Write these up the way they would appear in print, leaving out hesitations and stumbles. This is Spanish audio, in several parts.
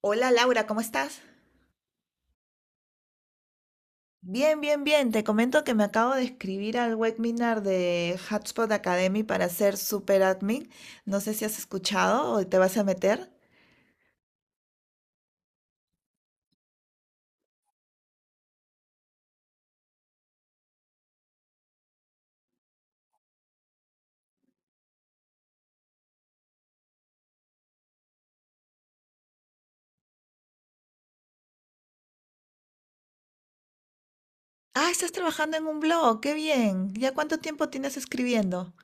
Hola Laura, ¿cómo estás? Bien, bien, bien. Te comento que me acabo de escribir al webinar de Hotspot Academy para ser super admin. No sé si has escuchado o te vas a meter. Ah, estás trabajando en un blog, qué bien. ¿Ya cuánto tiempo tienes escribiendo?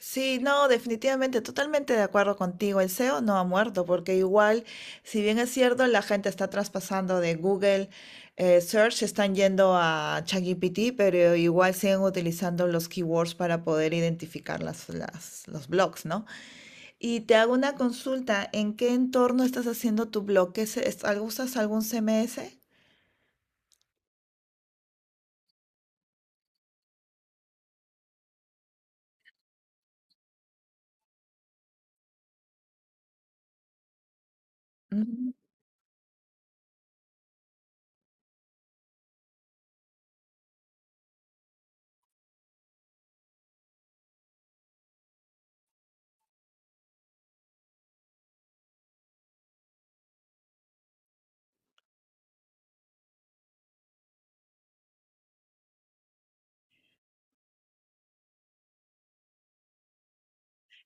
Sí, no, definitivamente, totalmente de acuerdo contigo. El SEO no ha muerto, porque igual, si bien es cierto, la gente está traspasando de Google Search, están yendo a ChatGPT, pero igual siguen utilizando los keywords para poder identificar los blogs, ¿no? Y te hago una consulta, ¿en qué entorno estás haciendo tu blog? ¿Qué es, usas algún CMS?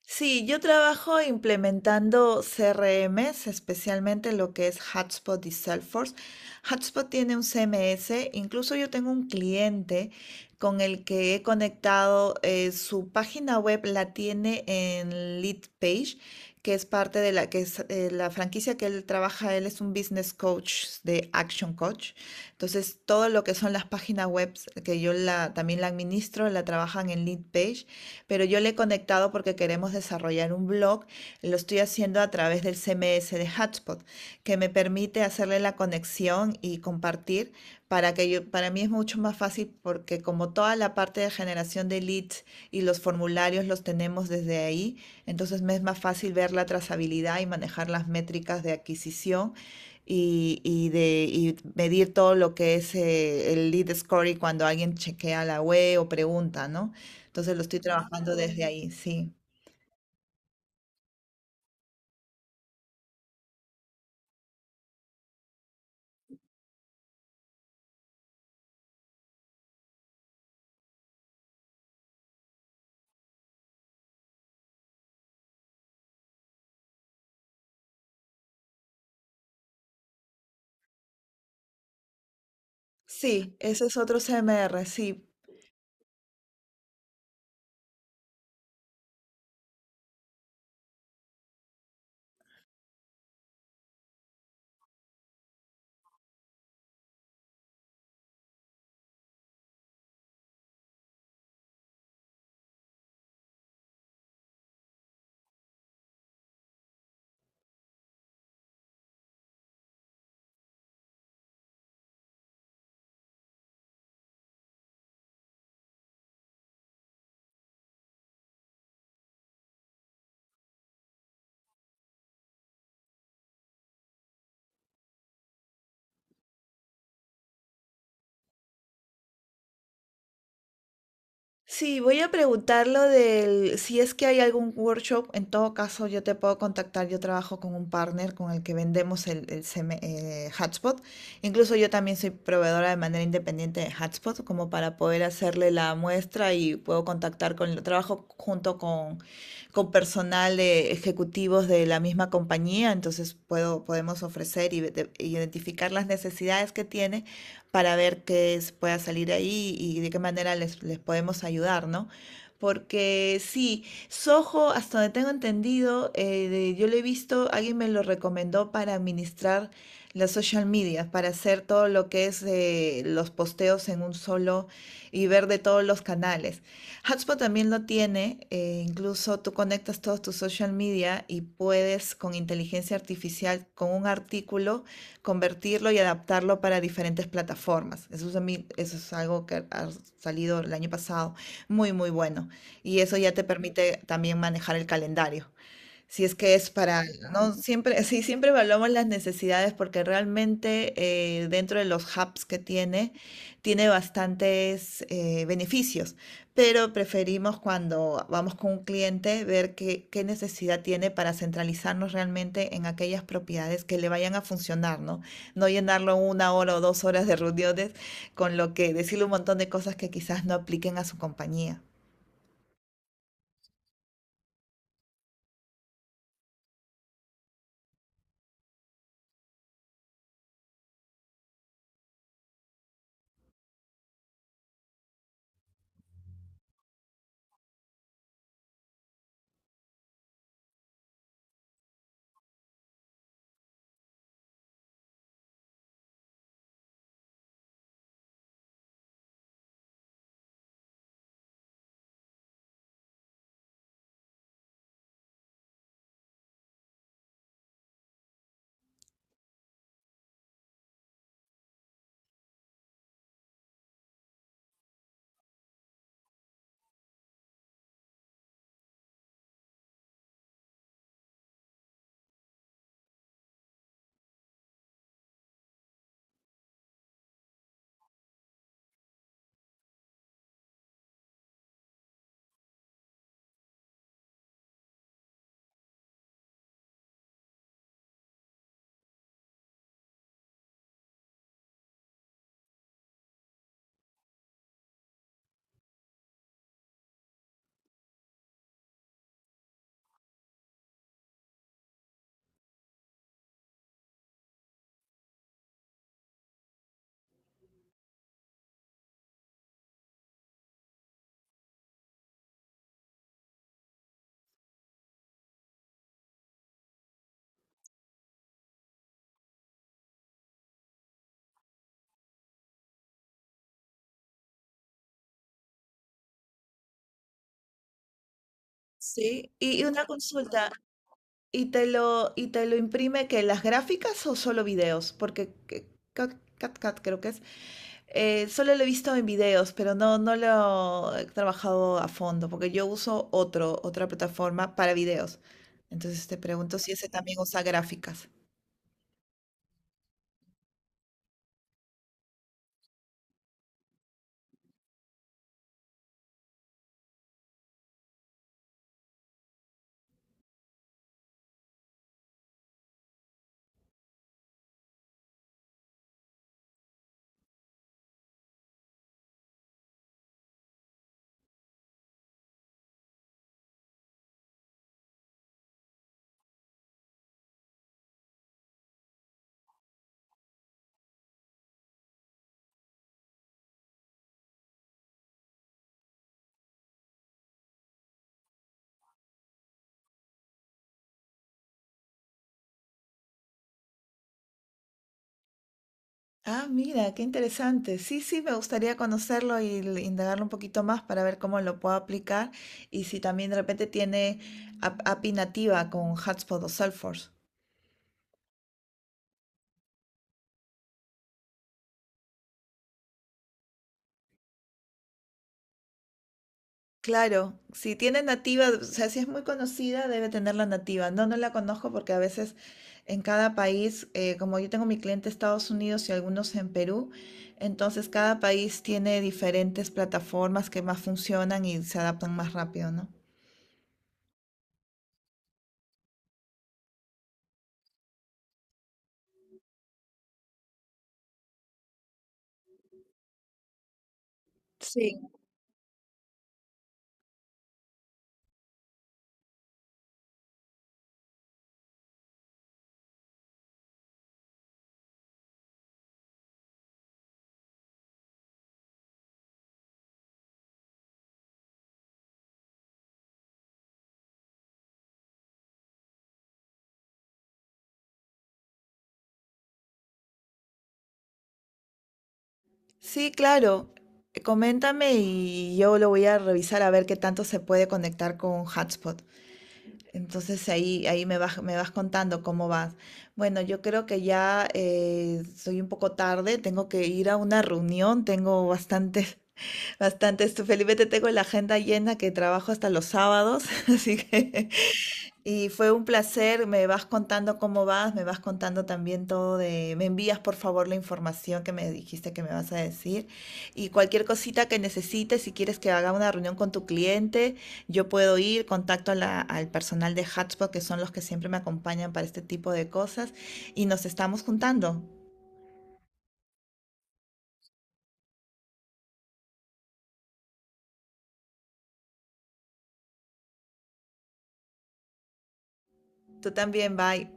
Sí, yo trabajo implementando CRMs, especialmente lo que es Hotspot y Salesforce. Hotspot tiene un CMS, incluso yo tengo un cliente con el que he conectado, su página web la tiene en Lead Page, que es parte de la que es, la franquicia que él trabaja, él es un business coach de Action Coach. Entonces, todo lo que son las páginas web que también la administro, la trabajan en Lead Page pero yo le he conectado porque queremos desarrollar un blog. Lo estoy haciendo a través del CMS de Hotspot, que me permite hacerle la conexión y compartir para que yo, para mí es mucho más fácil porque como toda la parte de generación de leads y los formularios los tenemos desde ahí, entonces me es más fácil ver la trazabilidad y manejar las métricas de adquisición y medir todo lo que es el lead score y cuando alguien chequea la web o pregunta, ¿no? Entonces lo estoy trabajando desde ahí, sí. Sí, ese es otro C M R, sí. Sí, voy a preguntar lo del, si es que hay algún workshop. En todo caso yo te puedo contactar, yo trabajo con un partner con el que vendemos hotspot, incluso yo también soy proveedora de manera independiente de hotspot, como para poder hacerle la muestra y puedo contactar con, trabajo junto con personal de ejecutivos de la misma compañía, entonces puedo, podemos ofrecer y identificar las necesidades que tiene para ver qué pueda salir ahí y de qué manera les, les podemos ayudar, ¿no? Porque sí, Soho, hasta donde tengo entendido, yo lo he visto, alguien me lo recomendó para administrar las social media, para hacer todo lo que es los posteos en un solo y ver de todos los canales. Hotspot también lo tiene, incluso tú conectas todos tus social media y puedes con inteligencia artificial, con un artículo, convertirlo y adaptarlo para diferentes plataformas. Eso es, a mí, eso es algo que ha salido el año pasado, muy, muy bueno. Y eso ya te permite también manejar el calendario. Si es que es para, no siempre, sí, siempre evaluamos las necesidades porque realmente dentro de los hubs que tiene, tiene bastantes beneficios, pero preferimos cuando vamos con un cliente ver qué, qué necesidad tiene para centralizarnos realmente en aquellas propiedades que le vayan a funcionar, ¿no? No llenarlo una hora o dos horas de reuniones con lo que decirle un montón de cosas que quizás no apliquen a su compañía. Sí, y una consulta, y te lo imprime que las gráficas o solo videos? Cat, Cat creo que es. Eh, solo lo he visto en videos, pero no, no lo he trabajado a fondo, porque yo uso otra plataforma para videos. Entonces te pregunto si ese también usa gráficas. Ah, mira, qué interesante. Sí, sí, me gustaría conocerlo y indagarlo un poquito más para ver cómo lo puedo aplicar y si también de repente tiene API nativa con Hotspot o Salesforce. Claro, si tiene nativa, o sea, si es muy conocida, debe tener la nativa. No, no la conozco porque a veces en cada país, como yo tengo mi cliente en Estados Unidos y algunos en Perú, entonces cada país tiene diferentes plataformas que más funcionan y se adaptan más rápido, ¿no? Sí. Sí, claro. Coméntame y yo lo voy a revisar a ver qué tanto se puede conectar con Hotspot. Entonces me vas contando cómo vas. Bueno, yo creo que ya soy un poco tarde, tengo que ir a una reunión, tengo bastantes, bastantes, felizmente tengo la agenda llena que trabajo hasta los sábados, así que y fue un placer, me vas contando cómo vas, me vas contando también todo de, me envías por favor la información que me dijiste que me vas a decir y cualquier cosita que necesites, si quieres que haga una reunión con tu cliente, yo puedo ir, contacto a al personal de Hotspot, que son los que siempre me acompañan para este tipo de cosas y nos estamos juntando. Tú también, bye.